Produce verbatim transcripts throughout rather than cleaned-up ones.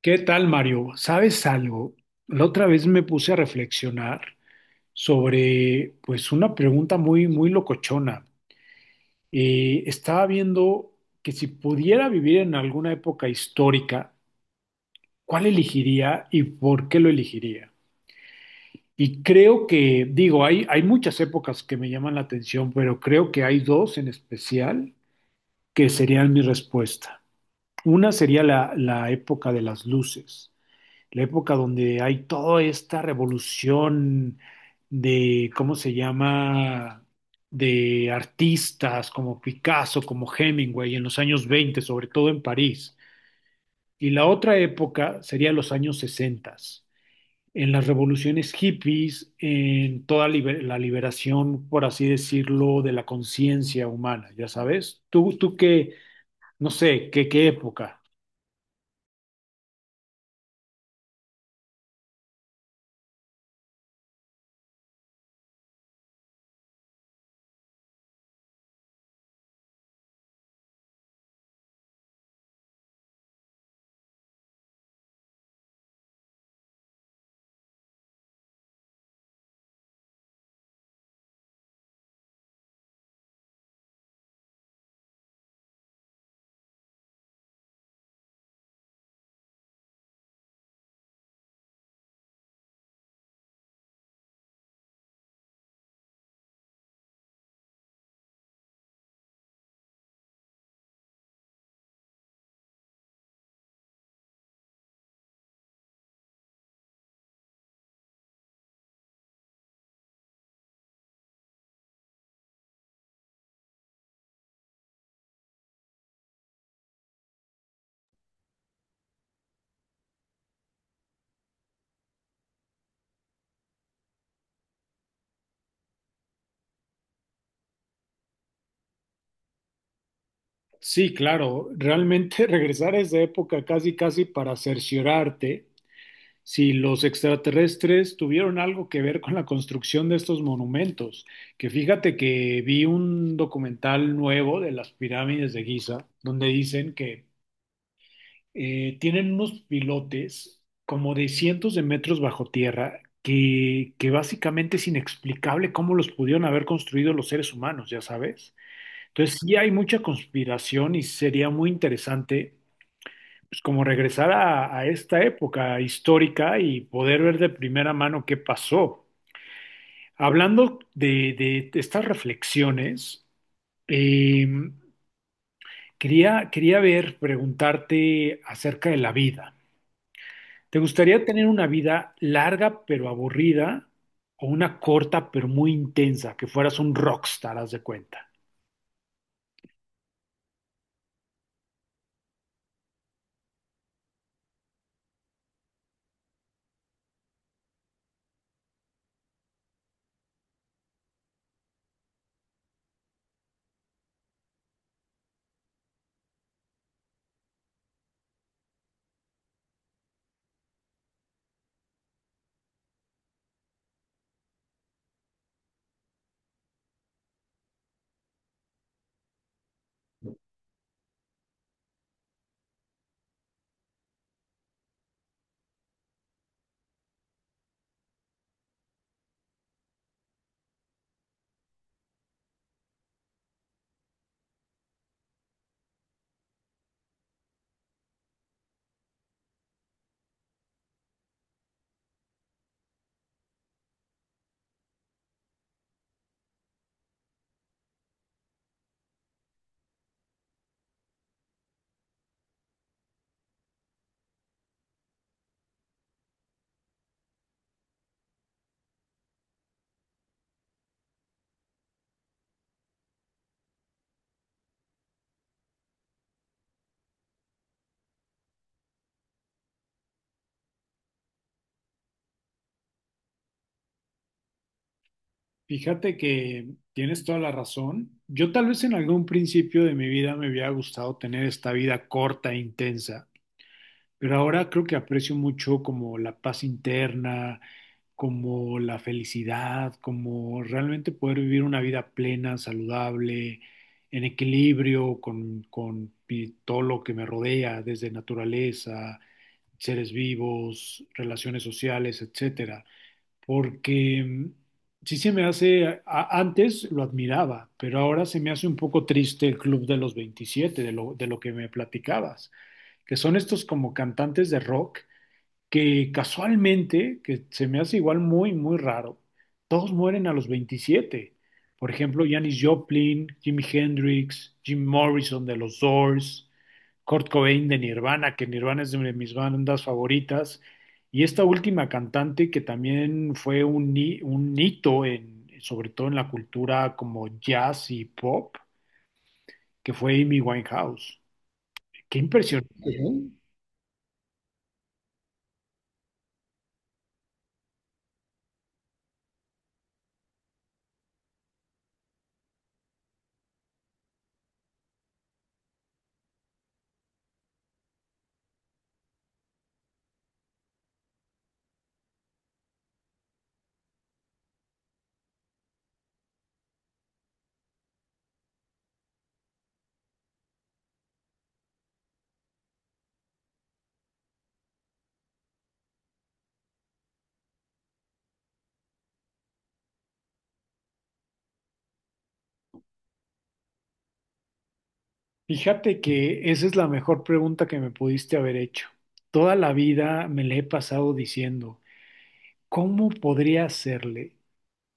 ¿Qué tal, Mario? ¿Sabes algo? La otra vez me puse a reflexionar sobre, pues, una pregunta muy, muy locochona. Eh, estaba viendo que si pudiera vivir en alguna época histórica, ¿cuál elegiría y por qué lo elegiría? Y creo que, digo, hay, hay muchas épocas que me llaman la atención, pero creo que hay dos en especial que serían mi respuesta. Una sería la la época de las luces. La época donde hay toda esta revolución de, ¿cómo se llama?, de artistas como Picasso, como Hemingway, en los años veinte, sobre todo en París. Y la otra época sería los años sesenta, en las revoluciones hippies, en toda liber- la liberación, por así decirlo, de la conciencia humana, ya sabes. ¿Tú, tú qué, no sé, qué, qué época? Sí, claro, realmente regresar a esa época casi casi para cerciorarte si los extraterrestres tuvieron algo que ver con la construcción de estos monumentos. Que fíjate que vi un documental nuevo de las pirámides de Giza, donde dicen que eh, tienen unos pilotes como de cientos de metros bajo tierra, que, que básicamente es inexplicable cómo los pudieron haber construido los seres humanos, ya sabes. Entonces sí hay mucha conspiración y sería muy interesante, pues, como regresar a, a, esta época histórica y poder ver de primera mano qué pasó. Hablando de, de estas reflexiones, eh, quería, quería ver, preguntarte acerca de la vida. ¿Te gustaría tener una vida larga pero aburrida o una corta pero muy intensa, que fueras un rockstar, haz de cuenta? Fíjate que tienes toda la razón. Yo tal vez en algún principio de mi vida me hubiera gustado tener esta vida corta e intensa, pero ahora creo que aprecio mucho como la paz interna, como la felicidad, como realmente poder vivir una vida plena, saludable, en equilibrio con, con mi- todo lo que me rodea, desde naturaleza, seres vivos, relaciones sociales, etcétera, porque mm, sí se me hace, a- antes lo admiraba, pero ahora se me hace un poco triste el Club de los veintisiete, de lo, de lo que me platicabas, que son estos como cantantes de rock, que casualmente, que se me hace igual muy, muy raro, todos mueren a los veintisiete. Por ejemplo, Janis Joplin, Jimi Hendrix, Jim Morrison de los Doors, Kurt Cobain de Nirvana, que Nirvana es de mis bandas favoritas, y esta última cantante que también fue un, hi- un hito en, sobre todo en la cultura como jazz y pop, que fue Amy Winehouse. Qué impresionante. Fíjate que esa es la mejor pregunta que me pudiste haber hecho. Toda la vida me le he pasado diciendo, ¿cómo podría hacerle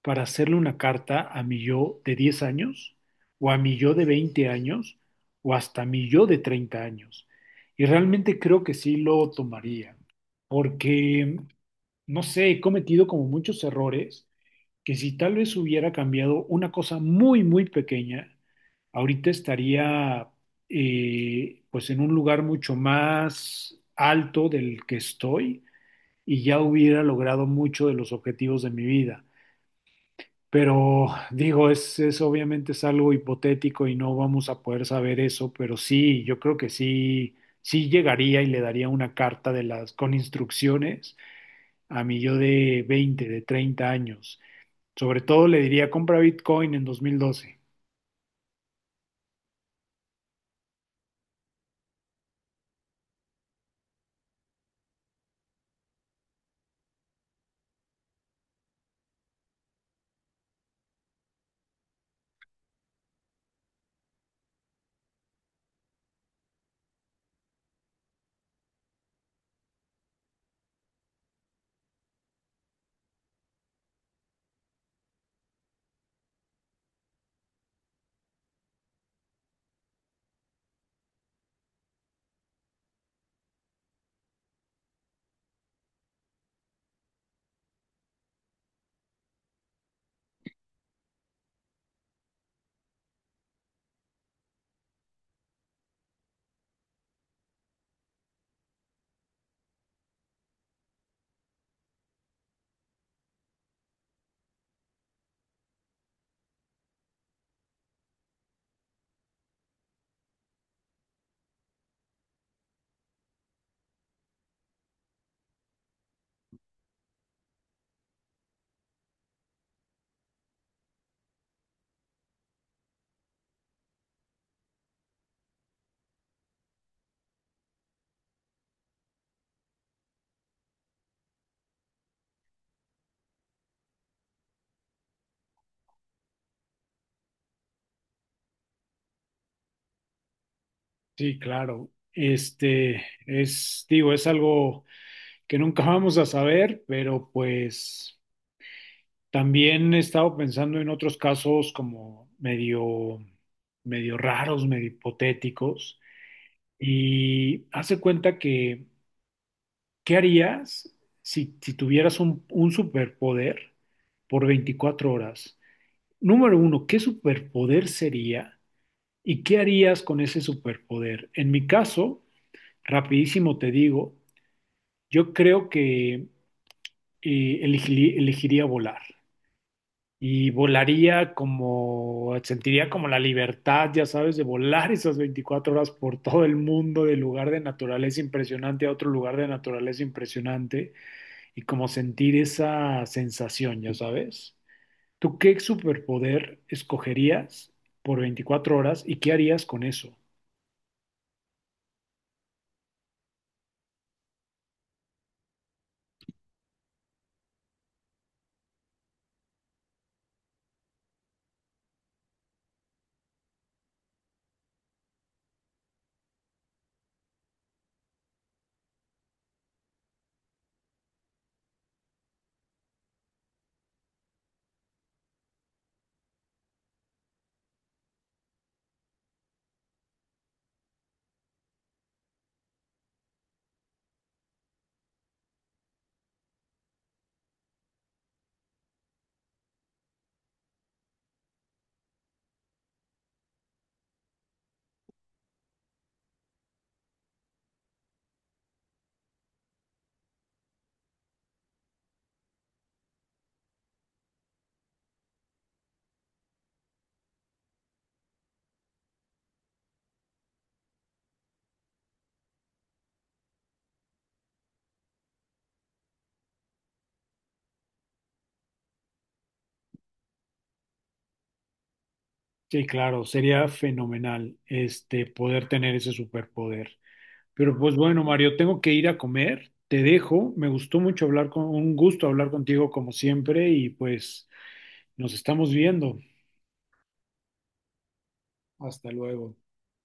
para hacerle una carta a mi yo de diez años, o a mi yo de veinte años, o hasta mi yo de treinta años? Y realmente creo que sí lo tomaría, porque, no sé, he cometido como muchos errores, que si tal vez hubiera cambiado una cosa muy, muy pequeña, ahorita estaría, eh, pues, en un lugar mucho más alto del que estoy y ya hubiera logrado mucho de los objetivos de mi vida. Pero digo, es, es obviamente es algo hipotético y no vamos a poder saber eso, pero sí, yo creo que sí, sí llegaría y le daría una carta de las con instrucciones a mi yo de veinte, de treinta años. Sobre todo le diría, compra Bitcoin en dos mil doce. Sí, claro. Este es, digo, es algo que nunca vamos a saber, pero pues también he estado pensando en otros casos como medio, medio raros, medio hipotéticos. Y hace cuenta que, ¿qué harías si, si tuvieras un, un superpoder por veinticuatro horas? Número uno, ¿qué superpoder sería? ¿Y qué harías con ese superpoder? En mi caso, rapidísimo te digo, yo creo que eh, elegili- elegiría volar. Y volaría como, sentiría como la libertad, ya sabes, de volar esas veinticuatro horas por todo el mundo, de lugar de naturaleza impresionante a otro lugar de naturaleza impresionante, y como sentir esa sensación, ya sabes. ¿Tú qué superpoder escogerías por veinticuatro horas y qué harías con eso? Sí, claro, sería fenomenal este poder tener ese superpoder. Pero pues bueno, Mario, tengo que ir a comer, te dejo. Me gustó mucho hablar con, un gusto hablar contigo como siempre y pues nos estamos viendo. Hasta luego.